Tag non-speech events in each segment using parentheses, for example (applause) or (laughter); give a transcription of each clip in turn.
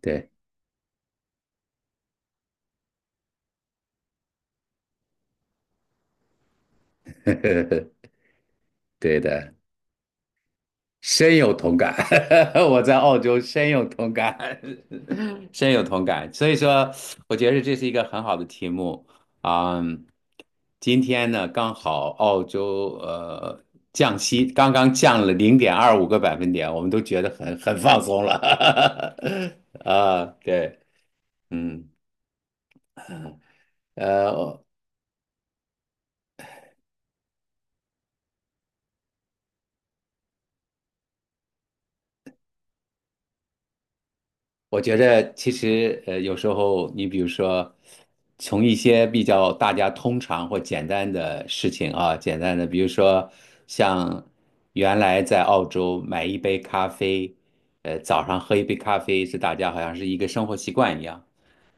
对。(laughs) 对的，深有同感。(laughs) 我在澳洲深有同感。(laughs) 深有同感。所以说，我觉得这是一个很好的题目啊。今天呢，刚好澳洲降息，刚刚降了0.25个百分点，我们都觉得很放松了。(laughs) 啊，对，嗯，呃，我觉得其实有时候你比如说，从一些比较大家通常或简单的事情啊，简单的，比如说像原来在澳洲买一杯咖啡，早上喝一杯咖啡是大家好像是一个生活习惯一样。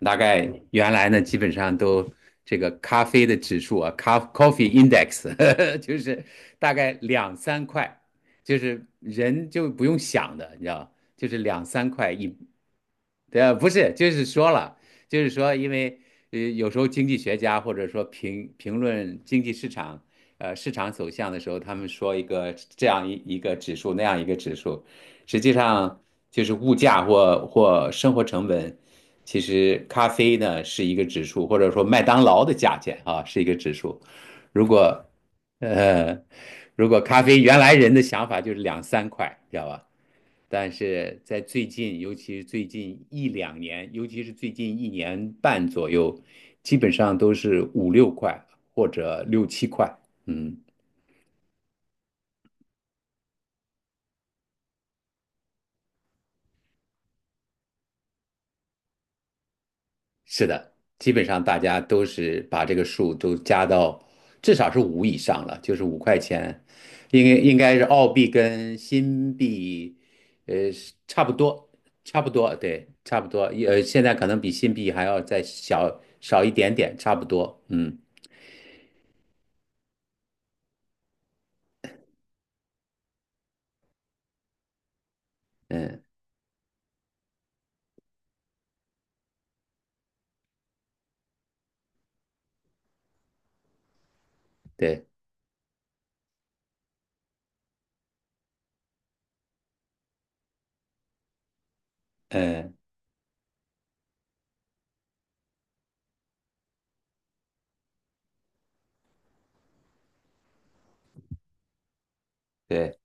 大概原来呢，基本上都这个咖啡的指数啊，coffee index (laughs) 就是大概两三块，就是人就不用想的，你知道。就是两三块一。对，不是，就是说了，就是说，因为有时候经济学家或者说评论经济市场，市场走向的时候，他们说一个这样一个指数，那样一个指数，实际上就是物价或生活成本。其实咖啡呢是一个指数，或者说麦当劳的价钱啊是一个指数。如果呃，如果咖啡原来人的想法就是两三块，知道吧？但是在最近，尤其是最近一两年，尤其是最近1年半左右，基本上都是五六块或者六七块。嗯，是的，基本上大家都是把这个数都加到至少是五以上了，就是5块钱，应该是澳币跟新币，是差不多，差不多，对，差不多，现在可能比新币还要再小少一点点，差不多。嗯，嗯，对，嗯。对，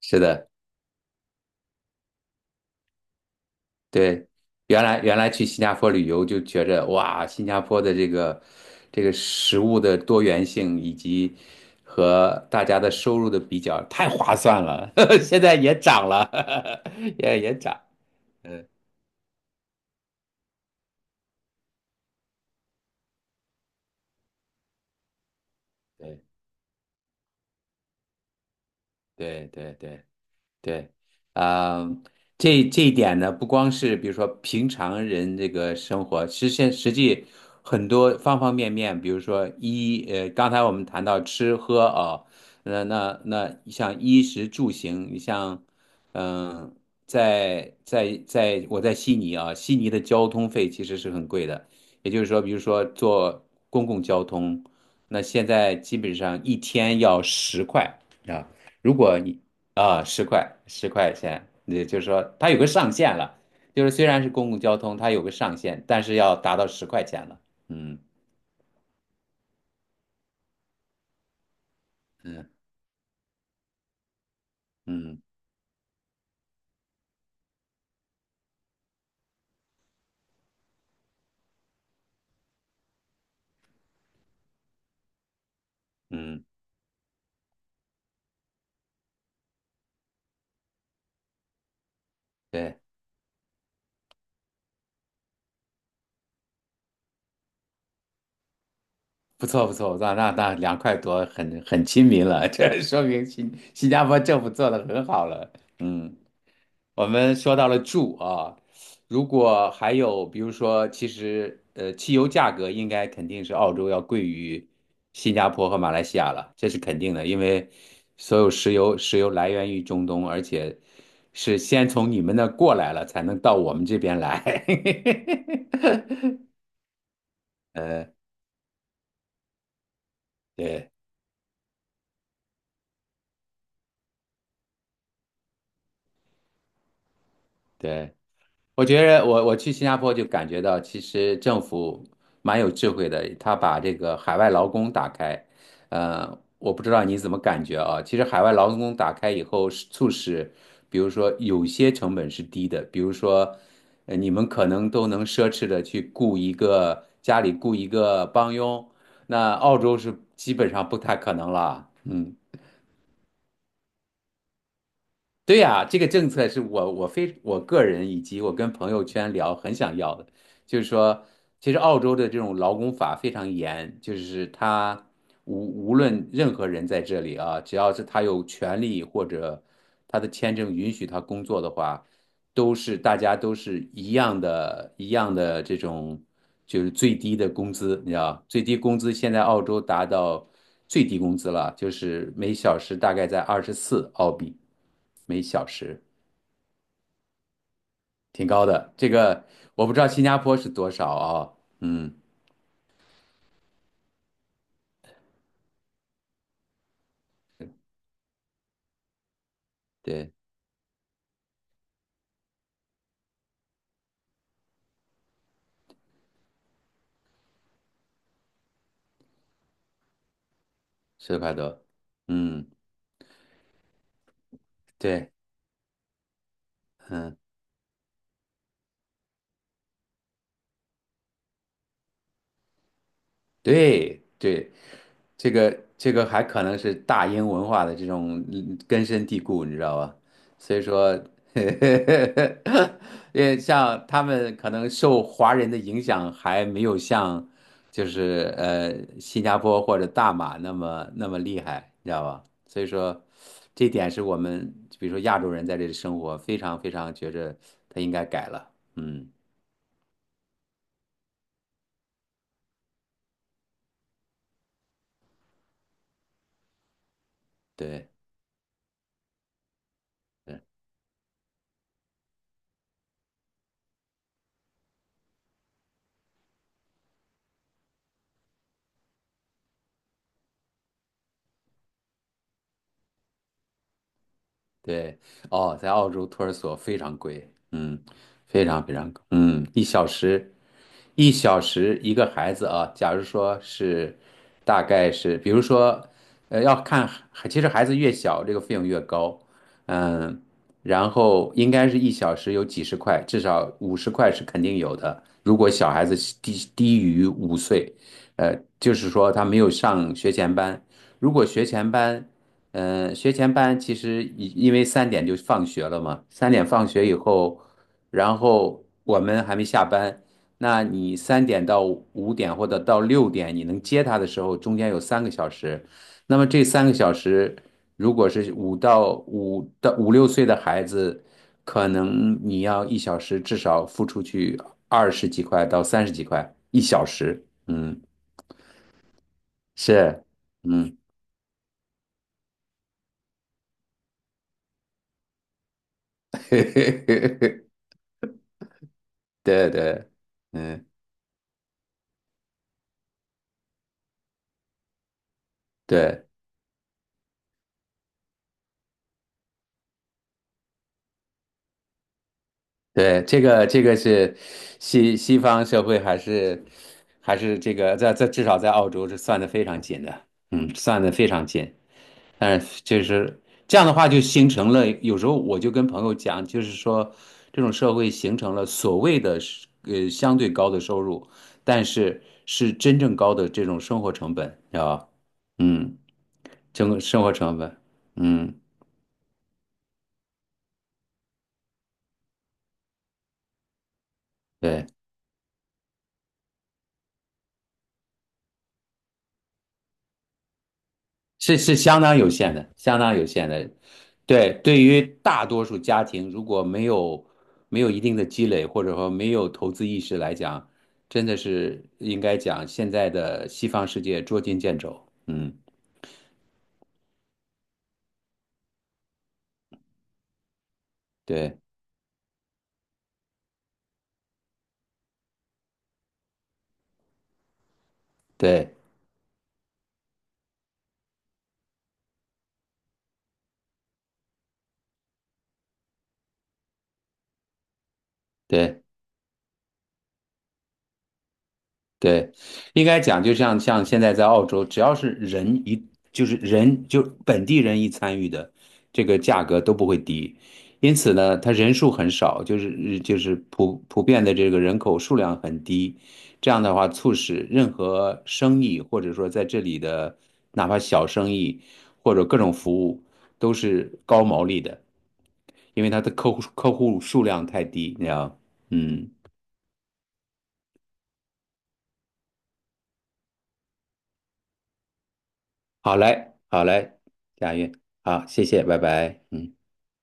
是的，对。原来去新加坡旅游就觉着哇，新加坡的这个食物的多元性以及和大家的收入的比较太划算了，(laughs) 现在也涨了，(laughs) 也涨。嗯，对，对，对，对。对，啊、这一点呢，不光是比如说平常人这个生活，实际很多方方面面，比如说衣，刚才我们谈到吃喝啊、那像衣食住行，你像，嗯、在在在我在悉尼啊，悉尼的交通费其实是很贵的，也就是说，比如说坐公共交通，那现在基本上一天要十块啊。如果你啊，十块，十块钱，也就是说它有个上限了，就是虽然是公共交通，它有个上限，但是要达到十块钱了。嗯，嗯，嗯，嗯，对，不错，不错，那2块多很亲民了，(laughs) 这说明新加坡政府做的很好了。嗯。我们说到了住啊，如果还有比如说，其实汽油价格应该肯定是澳洲要贵于新加坡和马来西亚了，这是肯定的，因为所有石油来源于中东，而且是先从你们那过来了，才能到我们这边来。(laughs) 呃，对，对。我觉得我去新加坡就感觉到，其实政府蛮有智慧的，他把这个海外劳工打开。我不知道你怎么感觉啊？其实海外劳工打开以后，是促使，比如说有些成本是低的，比如说，你们可能都能奢侈的去雇一个家里雇一个帮佣，那澳洲是基本上不太可能了。嗯，对呀，这个政策是我非我个人以及我跟朋友圈聊很想要的，就是说，其实澳洲的这种劳工法非常严，就是他无论任何人在这里啊，只要是他有权利或者他的签证允许他工作的话，都是大家都是一样的，一样的这种就是最低的工资，你知道，最低工资现在澳洲达到最低工资了，就是每小时大概在24澳币。每小时，挺高的。这个我不知道新加坡是多少啊、嗯，对，4块多。嗯，对，嗯。对，对，这个还可能是大英文化的这种根深蒂固，你知道吧？所以说，(laughs) 因为像他们可能受华人的影响还没有像就是新加坡或者大马那么那么厉害，你知道吧？所以说，这点是我们比如说亚洲人在这里生活，非常非常觉着他应该改了。嗯，对。嗯，对，哦，在澳洲托儿所非常贵，嗯，非常非常贵，嗯，一小时一个孩子啊，假如说是，大概是，比如说，要看，其实孩子越小，这个费用越高，嗯，然后应该是一小时有几十块，至少50块是肯定有的。如果小孩子是低于5岁，就是说他没有上学前班，如果学前班，嗯、学前班其实因为三点就放学了嘛，三点放学以后，然后我们还没下班。那你三点到5点或者到6点，你能接他的时候，中间有三个小时。那么这三个小时，如果是五六岁的孩子，可能你要一小时至少付出去20几块到30几块一小时。嗯，是，嗯，(laughs) 对，对，嗯，对。对，这个是西方社会还是这个在至少在澳洲是算的非常紧的，嗯，算的非常紧。但是就是这样的话，就形成了有时候我就跟朋友讲，就是说这种社会形成了所谓的是相对高的收入，但是是真正高的这种生活成本，你知道吧？嗯，生活成本，嗯。对。是相当有限的，相当有限的。对，对于大多数家庭，如果没有一定的积累，或者说没有投资意识来讲，真的是应该讲现在的西方世界捉襟见肘。嗯，对，对，对。对，应该讲，就像现在在澳洲，只要是人一就是人就本地人一参与的，这个价格都不会低。因此呢，它人数很少，就是普遍的这个人口数量很低。这样的话，促使任何生意或者说在这里的哪怕小生意或者各种服务都是高毛利的，因为它的客户数量太低，你知道吗，嗯。好嘞，好嘞，佳韵，好，谢谢，拜拜，嗯。